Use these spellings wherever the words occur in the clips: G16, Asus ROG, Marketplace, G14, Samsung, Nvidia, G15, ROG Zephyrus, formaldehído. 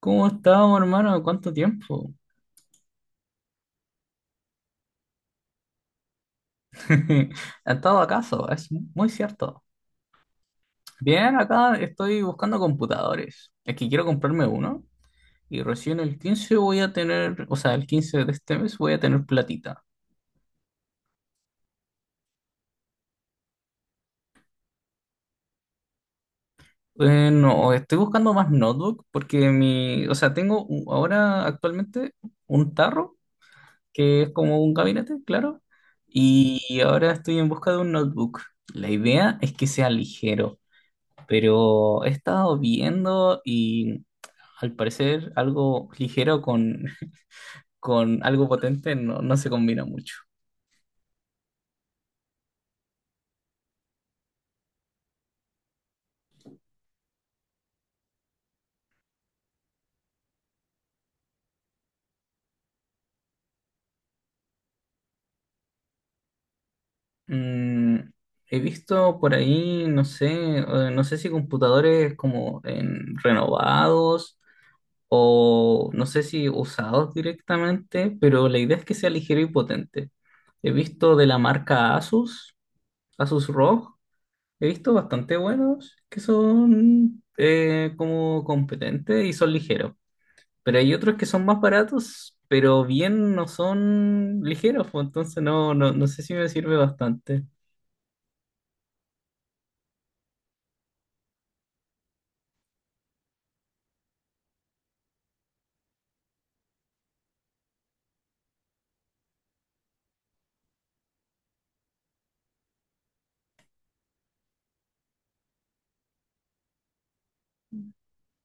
¿Cómo estamos, hermano? ¿Cuánto tiempo? ¿Ha estado acaso? Es muy cierto. Bien, acá estoy buscando computadores. Es que quiero comprarme uno y recién el 15 voy a tener, o sea, el 15 de este mes voy a tener platita. No, estoy buscando más notebook porque o sea, tengo ahora actualmente un tarro, que es como un gabinete, claro, y ahora estoy en busca de un notebook. La idea es que sea ligero. Pero he estado viendo y al parecer algo ligero con algo potente no, no se combina mucho. Mm, He visto por ahí, no sé, no sé si computadores como en renovados o no sé si usados directamente, pero la idea es que sea ligero y potente. He visto de la marca Asus, Asus ROG. He visto bastante buenos que son como competentes y son ligeros, pero hay otros que son más baratos, pero bien no son ligeros, pues, entonces no, no, no sé si me sirve bastante.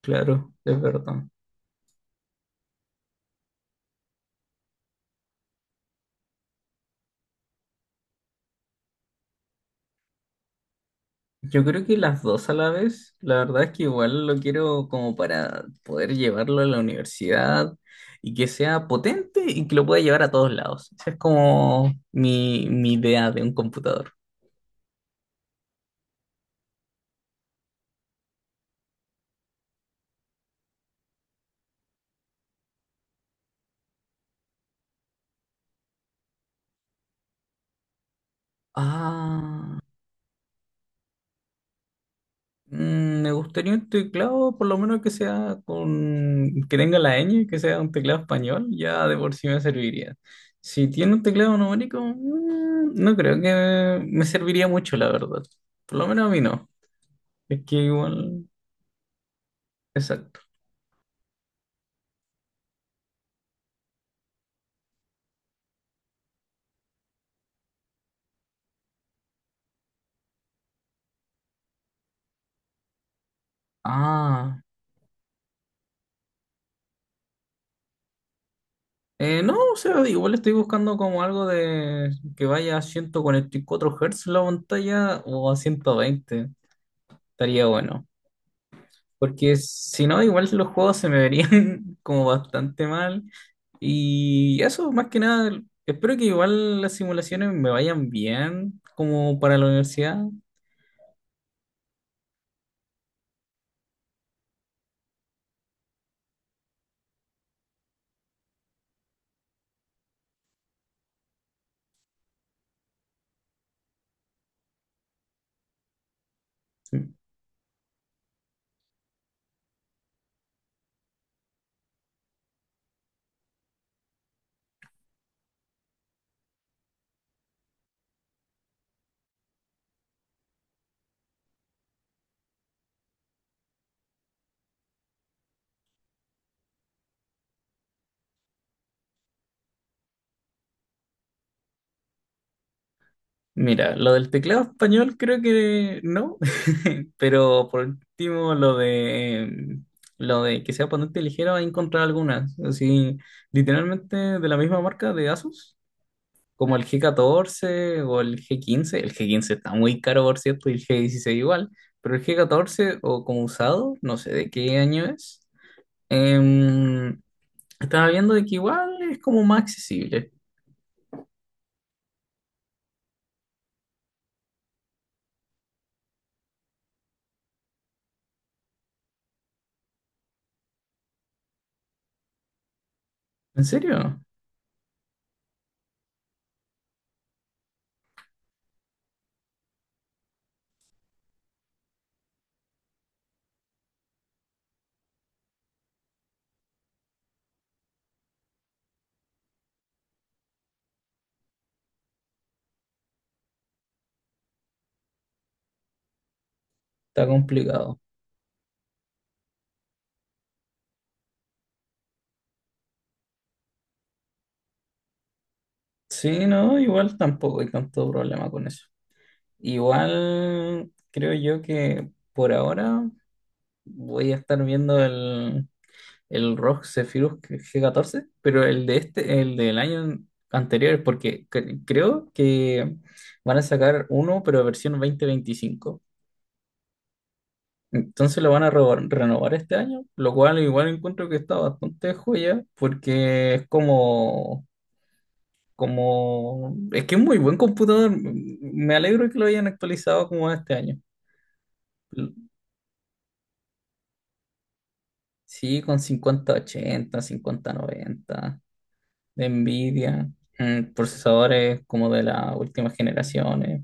Claro, es verdad. Yo creo que las dos a la vez, la verdad es que igual lo quiero como para poder llevarlo a la universidad y que sea potente y que lo pueda llevar a todos lados. Esa es como mi idea de un computador. Ah. Me gustaría un teclado, por lo menos que sea que tenga la ñ, que sea un teclado español, ya de por sí me serviría. Si tiene un teclado numérico, no creo que me serviría mucho, la verdad. Por lo menos a mí no. Es que igual, exacto. Ah, no, o sea, igual estoy buscando como algo de que vaya a 144 Hz la pantalla o a 120. Estaría bueno. Porque si no, igual los juegos se me verían como bastante mal. Y eso, más que nada, espero que igual las simulaciones me vayan bien como para la universidad. Mira, lo del teclado español creo que no, pero por último lo de que sea ponente ligero, he encontrado algunas, así literalmente de la misma marca de Asus. Como el G14 o el G15. El G15 está muy caro, por cierto, y el G16 igual. Pero el G14 o como usado, no sé de qué año es. em, Estaba viendo de que igual es como más accesible. ¿En serio? Está complicado. Sí, no, igual tampoco hay tanto problema con eso. Igual creo yo que por ahora voy a estar viendo el ROG Zephyrus G14 pero el de este, el del año anterior, porque creo que van a sacar uno, pero versión 2025. Entonces lo van a renovar este año, lo cual igual encuentro que está bastante joya, porque es como, es que es muy buen computador. Me alegro que lo hayan actualizado como este año. Sí, con 5080 5090 de Nvidia, procesadores como de las últimas generaciones.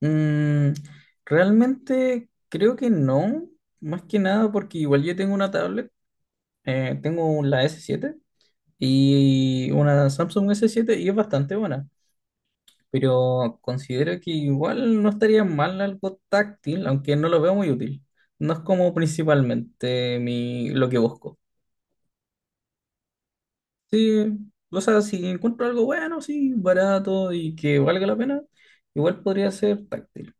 Mm, Realmente creo que no, más que nada porque igual yo tengo una tablet, tengo la S7 y una Samsung S7 y es bastante buena, pero considero que igual no estaría mal algo táctil, aunque no lo veo muy útil. No es como principalmente lo que busco. Sí, o sea, si encuentro algo bueno, sí, barato y que valga la pena, igual podría ser táctil.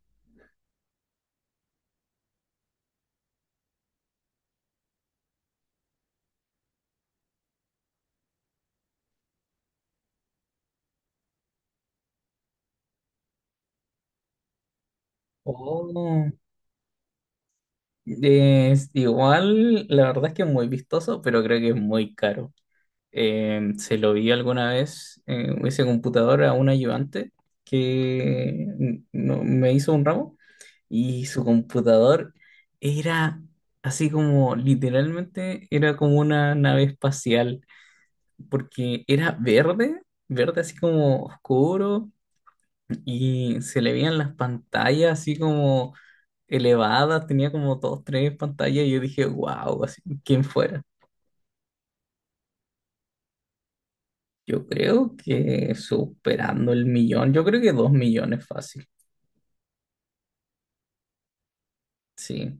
Oh, es igual, la verdad es que es muy vistoso, pero creo que es muy caro. Se lo vi alguna vez en ese computador a un ayudante que me hizo un ramo y su computador era así como literalmente era como una nave espacial. Porque era verde, verde así como oscuro, y se le veían las pantallas así como elevadas, tenía como dos, tres pantallas, y yo dije, wow, así, ¿quién fuera? Yo creo que superando el millón, yo creo que dos millones fácil, sí.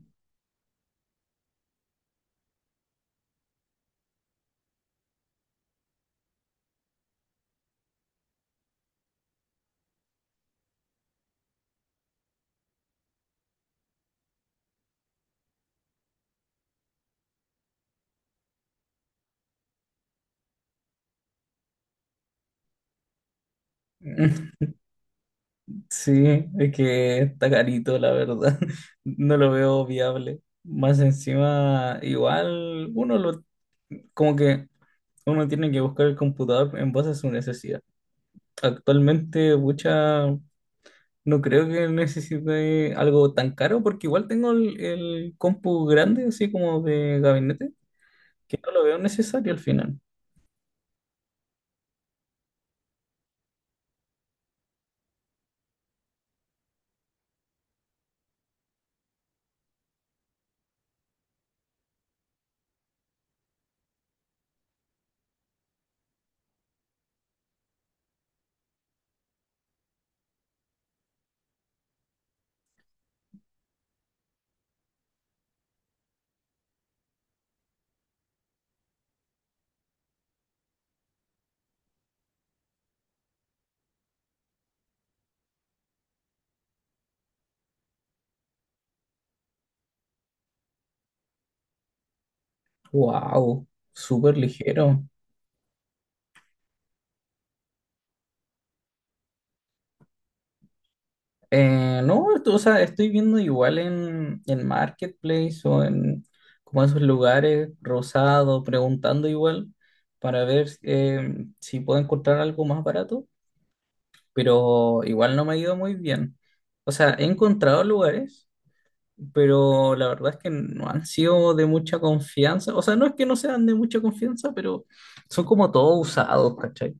Sí, es que está carito, la verdad. No lo veo viable. Más encima, igual como que uno tiene que buscar el computador en base a su necesidad. Actualmente, no creo que necesite algo tan caro porque igual tengo el compu grande, así como de gabinete, que no lo veo necesario al final. Wow, súper ligero. No, o sea, estoy viendo igual en Marketplace o en como esos lugares, Rosado, preguntando igual para ver si puedo encontrar algo más barato, pero igual no me ha ido muy bien. O sea, he encontrado lugares pero la verdad es que no han sido de mucha confianza. O sea, no es que no sean de mucha confianza, pero son como todos usados, ¿cachai?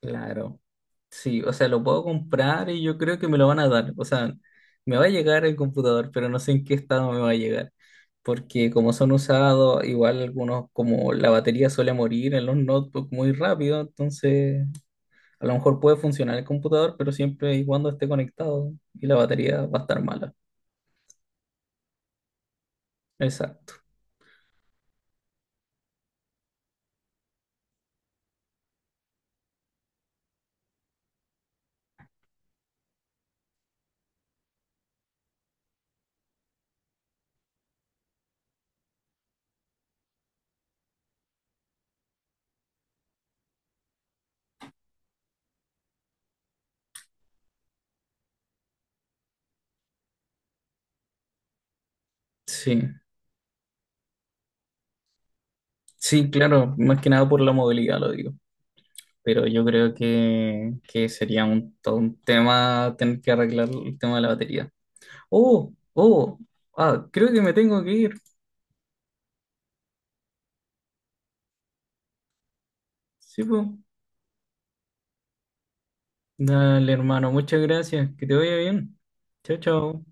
Claro. Sí, o sea, lo puedo comprar y yo creo que me lo van a dar. O sea, me va a llegar el computador, pero no sé en qué estado me va a llegar. Porque como son usados, igual algunos, como la batería suele morir en los notebooks muy rápido, entonces a lo mejor puede funcionar el computador, pero siempre y cuando esté conectado y la batería va a estar mala. Exacto. Sí. Sí, claro, más que nada por la movilidad lo digo, pero yo creo que sería todo un tema tener que arreglar el tema de la batería. Oh, oh, ah, creo que me tengo que ir. Sí, pues. Dale, hermano, muchas gracias, que te vaya bien. Chao, chao.